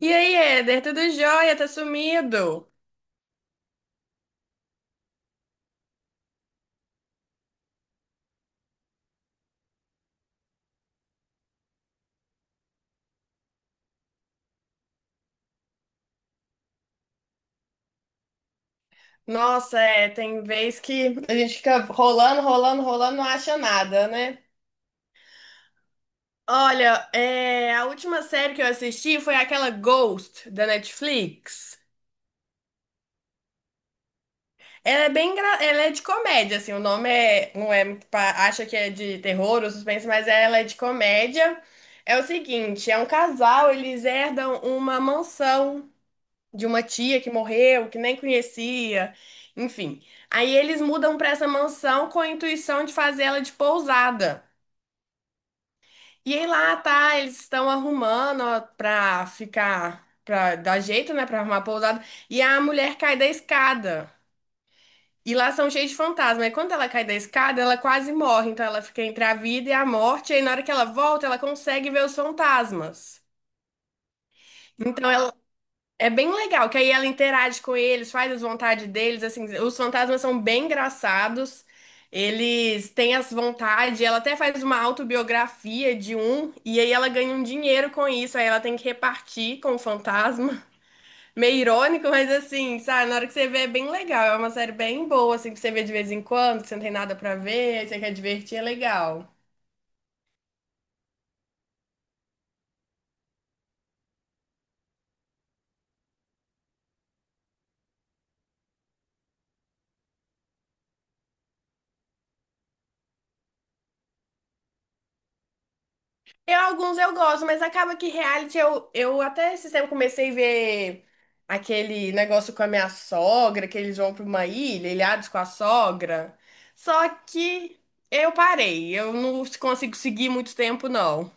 E aí, Éder, tudo jóia? Tá sumido? Nossa, é, tem vez que a gente fica rolando, rolando, rolando, não acha nada, né? Olha, é, a última série que eu assisti foi aquela Ghost da Netflix. Ela é de comédia, assim, o nome é, não é, acha que é de terror ou suspense, mas ela é de comédia. É o seguinte, é um casal, eles herdam uma mansão de uma tia que morreu, que nem conhecia, enfim. Aí eles mudam para essa mansão com a intuição de fazer ela de pousada. E aí lá tá, eles estão arrumando ó, pra ficar, pra dar jeito, né, pra arrumar a pousada. E a mulher cai da escada. E lá são cheios de fantasmas. E quando ela cai da escada, ela quase morre. Então ela fica entre a vida e a morte. E aí na hora que ela volta, ela consegue ver os fantasmas. Então ela É bem legal, que aí ela interage com eles, faz as vontades deles, assim, os fantasmas são bem engraçados. Eles têm as vontades, ela até faz uma autobiografia de um, e aí ela ganha um dinheiro com isso, aí ela tem que repartir com o fantasma. Meio irônico, mas assim, sabe, na hora que você vê é bem legal, é uma série bem boa, assim, que você vê de vez em quando, que você não tem nada pra ver, aí você quer divertir, é legal. Eu, alguns eu gosto, mas acaba que reality eu até esse tempo comecei a ver aquele negócio com a minha sogra, que eles vão pra uma ilha, ilhados com a sogra. Só que eu parei, eu não consigo seguir muito tempo, não.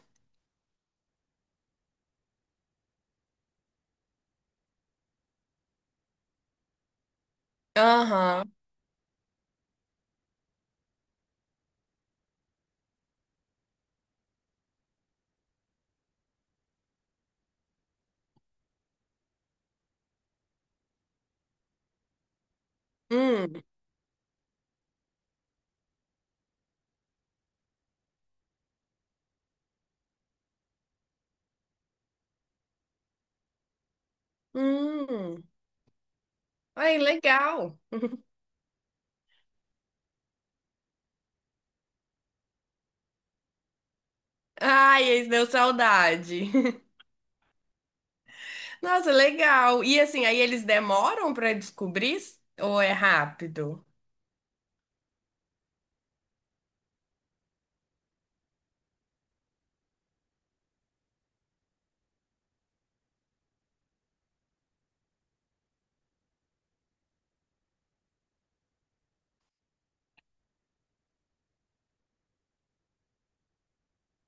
Aham. Hum. Hum. Ai, legal. Ai, esse deu saudade. Nossa, legal. E assim, aí eles demoram pra descobrir? Ou é rápido?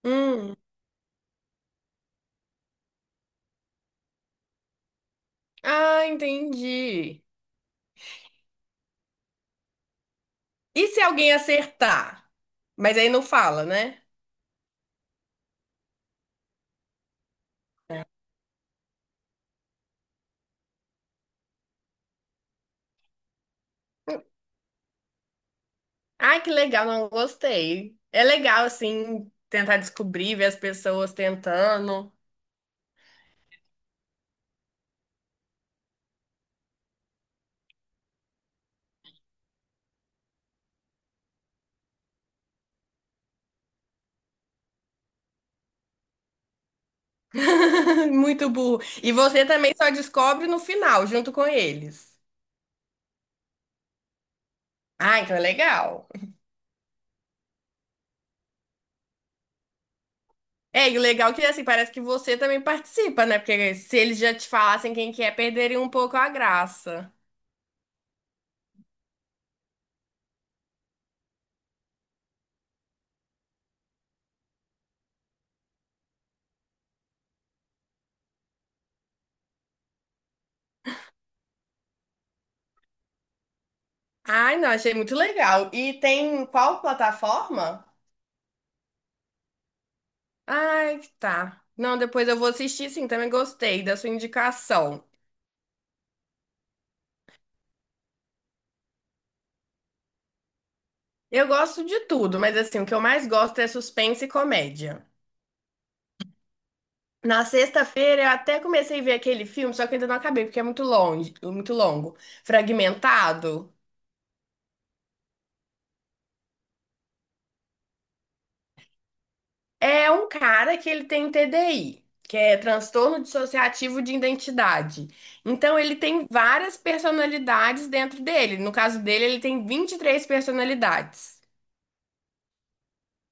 Hum. Ah, entendi. E se alguém acertar? Mas aí não fala, né? Ai, que legal, não gostei. É legal, assim, tentar descobrir, ver as pessoas tentando. Muito burro. E você também só descobre no final, junto com eles. Ah, então é legal. É, e o legal é que, assim, parece que você também participa, né? Porque se eles já te falassem quem que é, perderiam um pouco a graça. Ai, não, achei muito legal. E tem qual plataforma? Ai, tá. Não, depois eu vou assistir, sim, também gostei da sua indicação. Eu gosto de tudo, mas assim, o que eu mais gosto é suspense e comédia. Na sexta-feira eu até comecei a ver aquele filme, só que ainda não acabei, porque é muito longe, muito longo. Fragmentado. É um cara que ele tem TDI, que é transtorno dissociativo de identidade. Então ele tem várias personalidades dentro dele. No caso dele, ele tem 23 personalidades.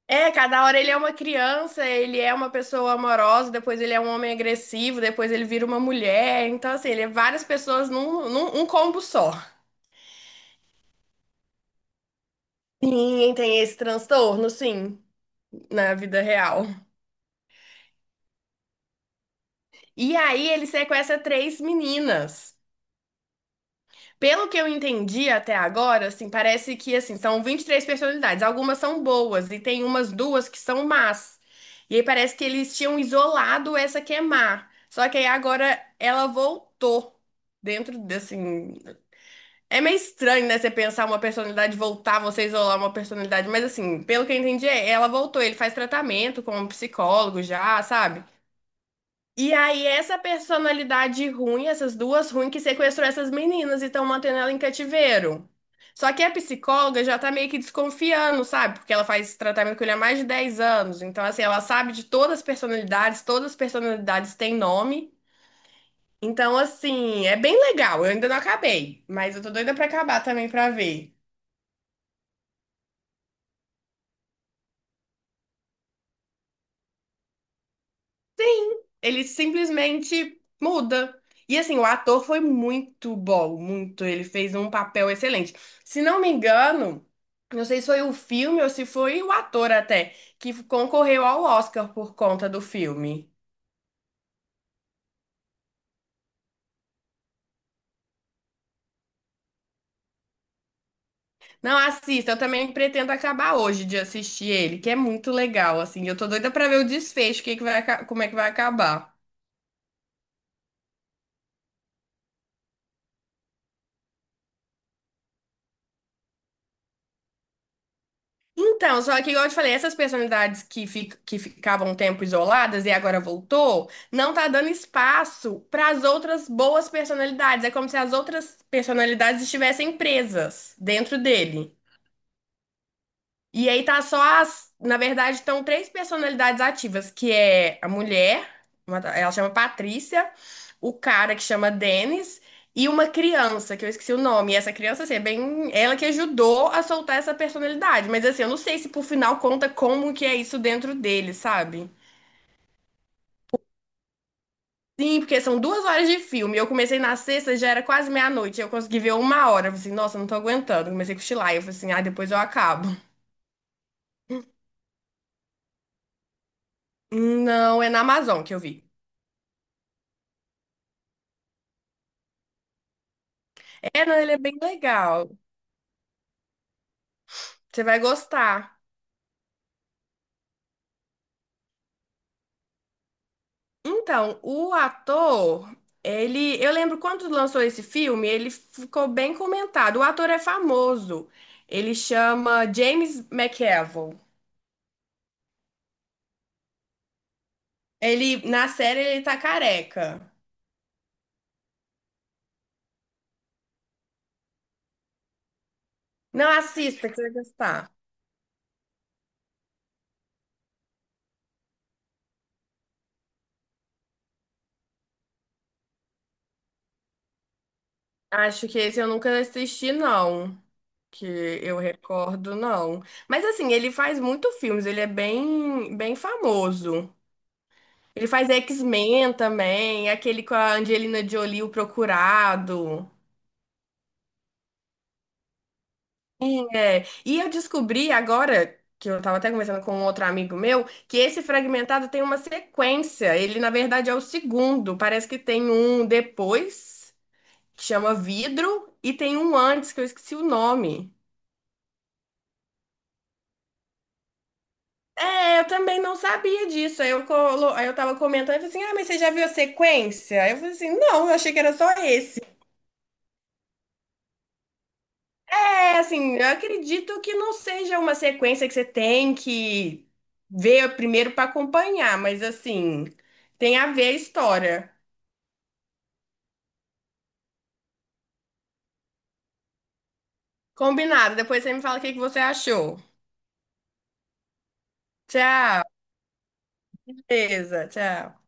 É, cada hora ele é uma criança, ele é uma pessoa amorosa, depois ele é um homem agressivo, depois ele vira uma mulher. Então, assim, ele é várias pessoas num combo só. Sim, tem esse transtorno, sim, na vida real. E aí ele sequestra três meninas. Pelo que eu entendi até agora, assim, parece que assim, são 23 personalidades. Algumas são boas e tem umas duas que são más. E aí parece que eles tinham isolado essa que é má. Só que aí agora ela voltou dentro de, assim, é meio estranho, né, você pensar uma personalidade voltar, você isolar uma personalidade, mas assim, pelo que eu entendi, é, ela voltou, ele faz tratamento com um psicólogo já, sabe? E aí, essa personalidade ruim, essas duas ruins, que sequestrou essas meninas e estão mantendo ela em cativeiro. Só que a psicóloga já tá meio que desconfiando, sabe? Porque ela faz esse tratamento com ele há mais de 10 anos. Então, assim, ela sabe de todas as personalidades têm nome. Então, assim, é bem legal. Eu ainda não acabei, mas eu tô doida pra acabar também pra ver. Ele simplesmente muda. E assim, o ator foi muito bom, muito. Ele fez um papel excelente. Se não me engano, não sei se foi o filme ou se foi o ator até, que concorreu ao Oscar por conta do filme. Não, assista, eu também pretendo acabar hoje de assistir ele, que é muito legal, assim. Eu tô doida pra ver o desfecho, o que é que vai, como é que vai acabar. Então, só que, igual eu te falei, essas personalidades que ficavam um tempo isoladas e agora voltou, não tá dando espaço para as outras boas personalidades. É como se as outras personalidades estivessem presas dentro dele. E aí tá só as, na verdade, estão três personalidades ativas, que é a mulher, ela chama Patrícia, o cara que chama Denis e uma criança, que eu esqueci o nome. E essa criança, assim, é bem ela que ajudou a soltar essa personalidade, mas assim, eu não sei se por final conta como que é isso dentro dele, sabe? Sim, porque são 2 horas de filme. Eu comecei na sexta, já era quase meia-noite. Eu consegui ver 1 hora. Eu falei assim, nossa, não tô aguentando. Comecei a cochilar. Eu falei assim, ah, depois eu acabo. Não, é na Amazon que eu vi. É, não, ele é bem legal. Você vai gostar. Então, o ator, ele, eu lembro quando lançou esse filme, ele ficou bem comentado. O ator é famoso. Ele chama James McAvoy. Ele, na série, ele tá careca. Não assista, que você vai gostar. Acho que esse eu nunca assisti, não. Que eu recordo, não. Mas assim, ele faz muito filmes, ele é bem, bem famoso. Ele faz X-Men também, aquele com a Angelina Jolie, o Procurado. É. E eu descobri agora, que eu tava até conversando com um outro amigo meu, que esse Fragmentado tem uma sequência. Ele, na verdade, é o segundo. Parece que tem um depois, que chama Vidro, e tem um antes, que eu esqueci o nome. É, eu também não sabia disso. Aí eu tava comentando, eu falei assim, ah, mas você já viu a sequência? Aí eu falei assim, não, eu achei que era só esse. É assim, eu acredito que não seja uma sequência que você tem que ver primeiro para acompanhar, mas assim, tem a ver a história. Combinado, depois você me fala o que que você achou. Tchau, beleza, tchau.